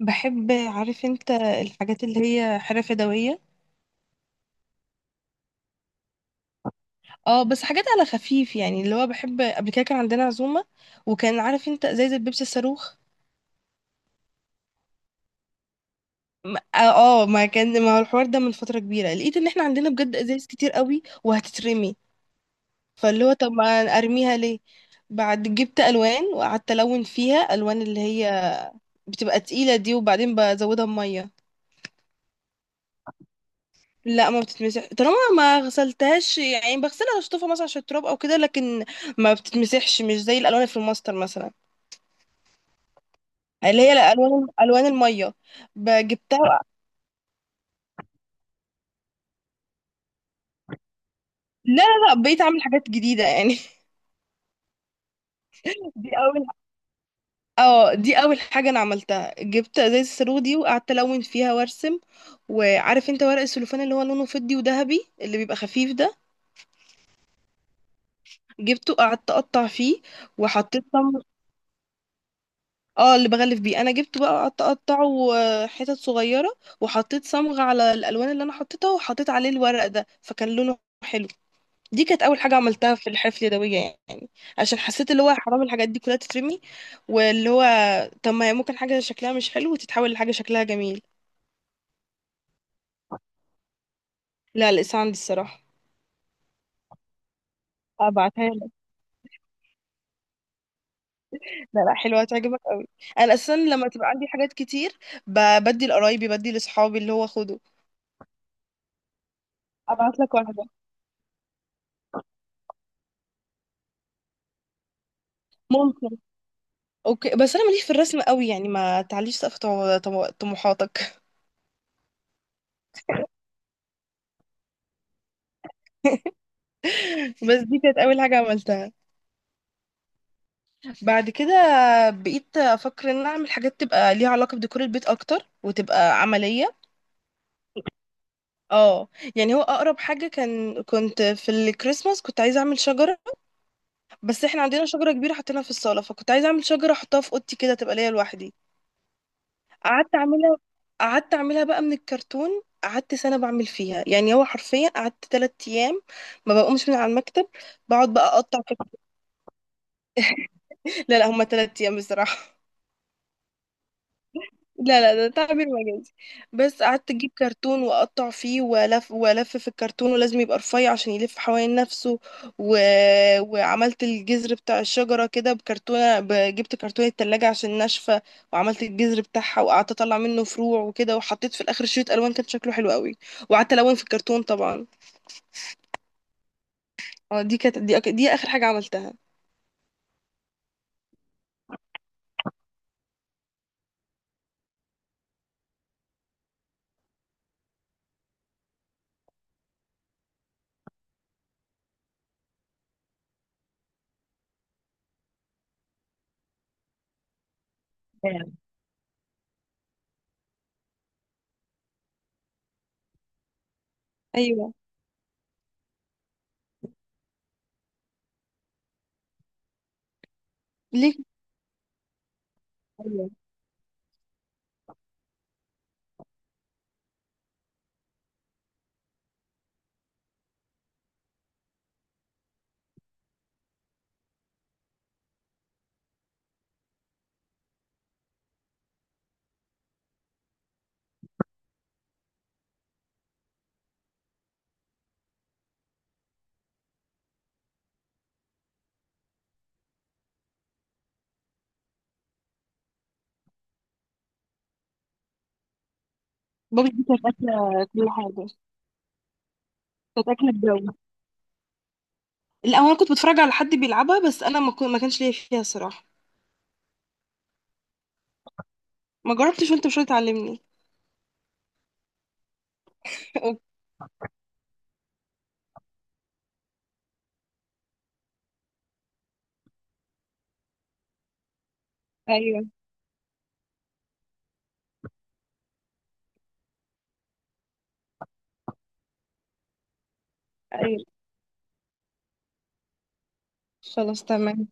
بحب، عارف انت، الحاجات اللي هي حرف يدوية. اه، بس حاجات على خفيف يعني، اللي هو بحب. قبل كده كان عندنا عزومة، وكان عارف انت ازايز البيبسي الصاروخ. ما هو الحوار ده من فترة كبيرة، لقيت ان احنا عندنا بجد ازايز كتير قوي وهتترمي. فاللي هو، طب ما ارميها ليه؟ بعد جبت الوان وقعدت الون فيها، الوان اللي هي بتبقى تقيلة دي، وبعدين بزودها بمية. لا، ما بتتمسح طالما ما غسلتهاش، يعني بغسلها، اشطفها مثلا عشان التراب او كده، لكن ما بتتمسحش، مش زي الالوان اللي في الماستر مثلا. اللي هي الوان الميه. جبتها. لا لا لا، بقيت اعمل حاجات جديده يعني. دي اول اه دي اول حاجه انا عملتها، جبت ازاز الصاروخ دي وقعدت الون فيها وارسم. وعارف انت ورق السلوفان اللي هو لونه فضي وذهبي، اللي بيبقى خفيف ده، جبته، قعدت اقطع فيه. وحطيت اه، اللي بغلف بيه، انا جبت بقى اقطعه حتت صغيره، وحطيت صمغ على الالوان اللي انا حطيتها، وحطيت عليه الورق ده، فكان لونه حلو. دي كانت اول حاجه عملتها في الحفله اليدويه يعني. عشان حسيت اللي هو حرام الحاجات دي كلها تترمي، واللي هو طب ما هي ممكن حاجه شكلها مش حلو وتتحول لحاجه شكلها جميل. لا، لسه عندي الصراحه. ابعتها لك. لا لا، حلوه هتعجبك قوي. انا اساسا لما تبقى عندي حاجات كتير، بدي لقرايبي، بدي لاصحابي اللي هو خده. ابعت لك واحده. ممكن. اوكي، بس انا ماليش في الرسم قوي يعني، ما تعليش سقف طموحاتك. بس دي كانت اول حاجه عملتها. بعد كده بقيت افكر ان أنا اعمل حاجات تبقى ليها علاقه بديكور البيت اكتر وتبقى عمليه. اه. يعني هو اقرب حاجه، كنت في الكريسماس كنت عايزه اعمل شجره. بس احنا عندنا شجره كبيره حطيناها في الصاله، فكنت عايزه اعمل شجره احطها في اوضتي كده، تبقى ليا لوحدي. قعدت اعملها قعدت اعملها بقى من الكرتون. قعدت سنة بعمل فيها، يعني هو حرفيا قعدت تلات ايام ما بقومش من على المكتب. بقعد بقى اقطع فيلا لا، هما تلات ايام بصراحة. لا لا، ده تعبير مجازي. بس قعدت اجيب كرتون واقطع فيه، والف والف في الكرتون، ولازم يبقى رفيع عشان يلف حوالين نفسه. و... وعملت الجذر بتاع الشجره كده بكرتونه، جبت كرتونه التلاجة عشان ناشفه. وعملت الجذر بتاعها، وقعدت اطلع منه فروع وكده، وحطيت في الاخر شريط الوان كان شكله حلو قوي، وقعدت الون في الكرتون طبعا. اه، دي كانت دي, أك... دي اخر حاجه عملتها يعني. ايوه. ليه؟ ايوه. بابا دي كانت اكله كل حاجه، كانت اكله الجو. لا، هو انا كنت بتفرج على حد بيلعبها، بس انا ما كانش ليا فيها الصراحه. ما جربتش، وانت مش هتعلمني. أوكي. ايوه، ايوه. خلاص تمام.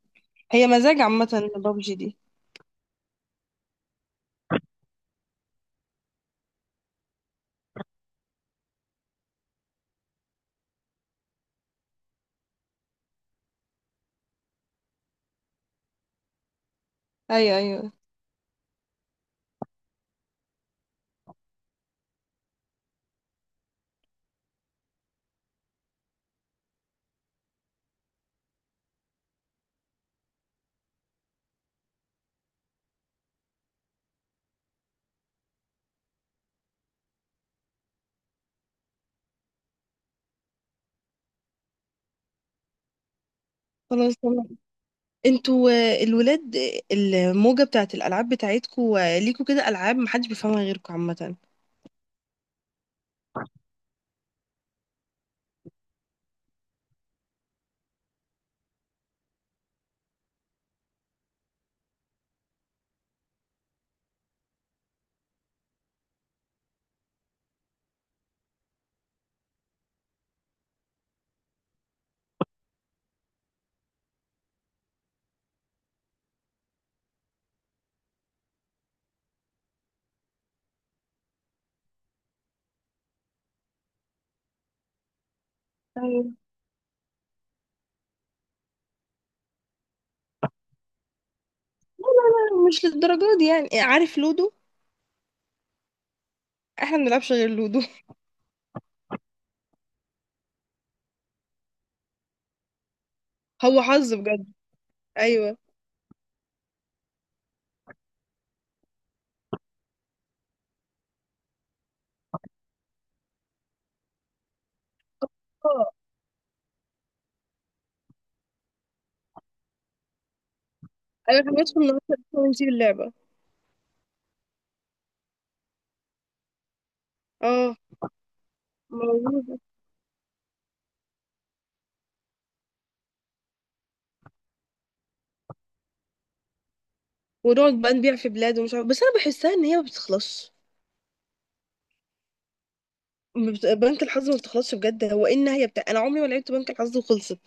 هي مزاج عامه بابجي دي. ايوه، ايوه. خلاص تمام. انتوا الولاد، الموجه بتاعت الالعاب بتاعتكوا ليكوا كده العاب محدش بيفهمها غيركوا عامه. ايوه. مش للدرجه دي يعني. عارف لودو؟ احنا ما بنلعبش غير لودو. هو حظ بجد. ايوه. اه، ايوه. احنا بندخل نقطة ونسيب اللعبة. اه، موجود. ونقعد بقى نبيع في بلاد ومش عارف، بس انا بحسها ان هي ما بتخلصش. ما بت- بنك الحظ ما بتخلصش بجد. هو ايه النهايه بتاع؟ انا عمري ما لعبت بنك الحظ وخلصت.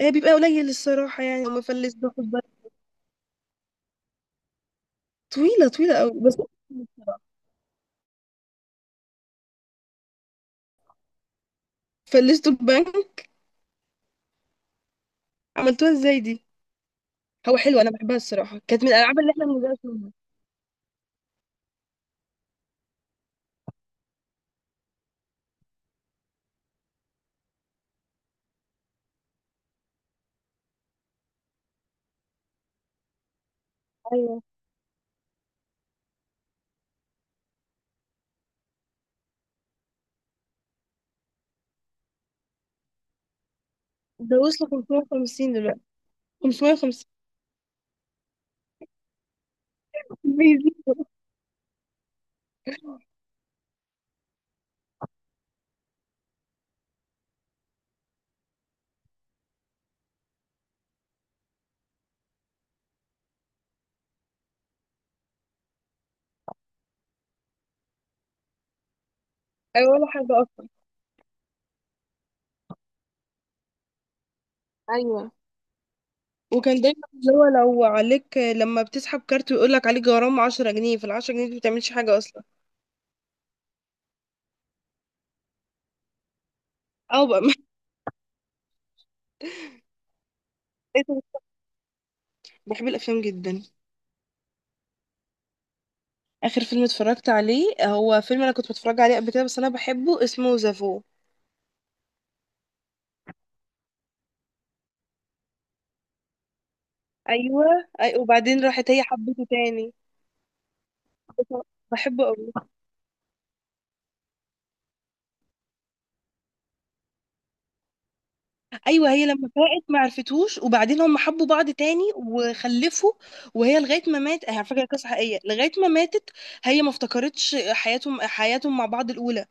هي بيبقى قليل الصراحه، يعني لما فلست باخد بالي. طويله طويله قوي بس. فلستوا البنك؟ عملتوها ازاي دي؟ هو حلو، انا بحبها الصراحه، كانت من الالعاب اللي احنا بنبدا فيها. ايوه. ده وصلوا 550 دلوقتي. 550 بيزي. ايوه، ولا حاجه اصلا. ايوه. وكان دايما اللي هو لو عليك، لما بتسحب كارت ويقول لك عليك غرامه 10 جنيه، في ال 10 جنيه دي ما بتعملش حاجه اصلا. او بقى، إيه ده؟ بحب الافلام جدا. اخر فيلم اتفرجت عليه هو فيلم انا كنت بتفرج عليه قبل كده، بس انا بحبه، اسمه زافو. ايوه. أي، وبعدين راحت هي حبته تاني. بحبه قوي. ايوه، هي لما فاقت ما عرفتوش، وبعدين هم حبوا بعض تاني وخلفوا. وهي لغايه ما مات، هي على فكره قصه حقيقيه، لغايه ما ماتت هي ما افتكرتش حياتهم مع بعض الاولى.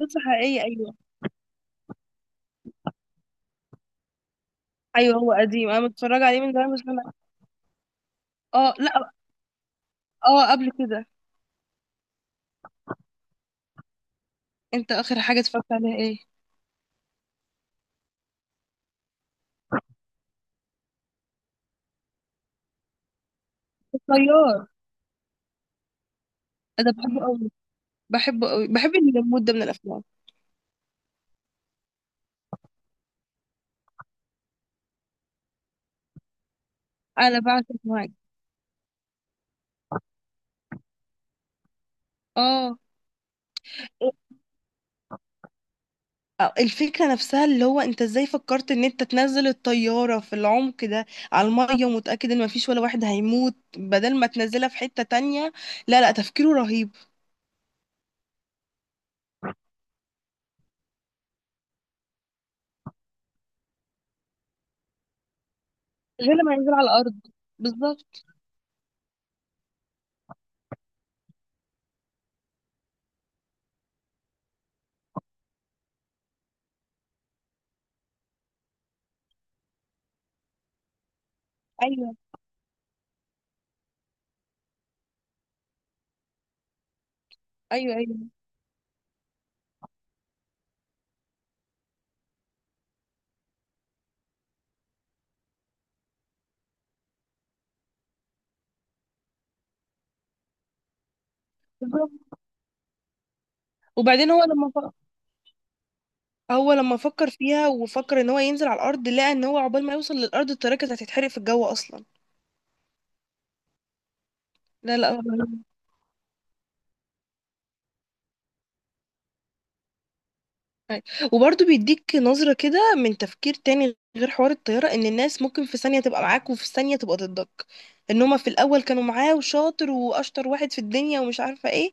قصه حقيقيه، ايوه. ايوه هو قديم، انا متفرج عليه من زمان بس انا. اه، لا. اه، قبل كده. انت اخر حاجه اتفرجت عليها ايه؟ الطيار. انا بحبه قوي. بحبه قوي، بحب المود ده من الافلام. انا بعشق معاك. اه. الفكرة نفسها، اللي هو انت ازاي فكرت ان انت تنزل الطيارة في العمق ده، على المية، ومتأكد ان مفيش ولا واحد هيموت، بدل ما تنزلها في حتة تانية. لا لا، تفكيره رهيب. غير لما ينزل على الأرض. بالظبط. ايوه، ايوه، ايوه. بالظبط. وبعدين هو لما هو لما فكر فيها وفكر ان هو ينزل على الأرض، لقى ان هو عقبال ما يوصل للأرض الطيارة كانت هتتحرق في الجو اصلا. لا لا. أي. وبرضه بيديك نظرة كده من تفكير تاني غير حوار الطيارة، ان الناس ممكن في ثانية تبقى معاك وفي ثانية تبقى ضدك. ان هما في الاول كانوا معاه وشاطر واشطر واحد في الدنيا ومش عارفة ايه،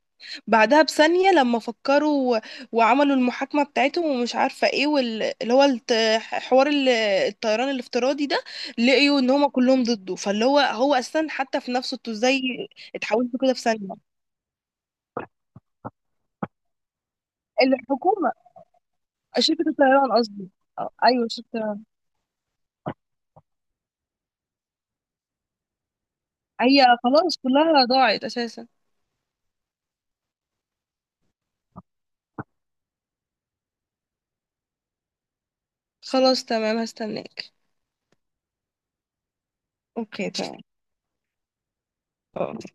بعدها بثانية لما فكروا وعملوا المحاكمة بتاعتهم ومش عارفة ايه، واللي هو حوار الطيران الافتراضي ده، لقيوا ان هما كلهم ضده. فاللي هو اساسا حتى في نفسه، انتوا ازاي اتحولتوا كده في ثانية؟ الحكومة، شركة الطيران قصدي. ايوه، شركة. هي خلاص كلها ضاعت اساسا. خلاص تمام، هستناك. اوكي، تمام. اه.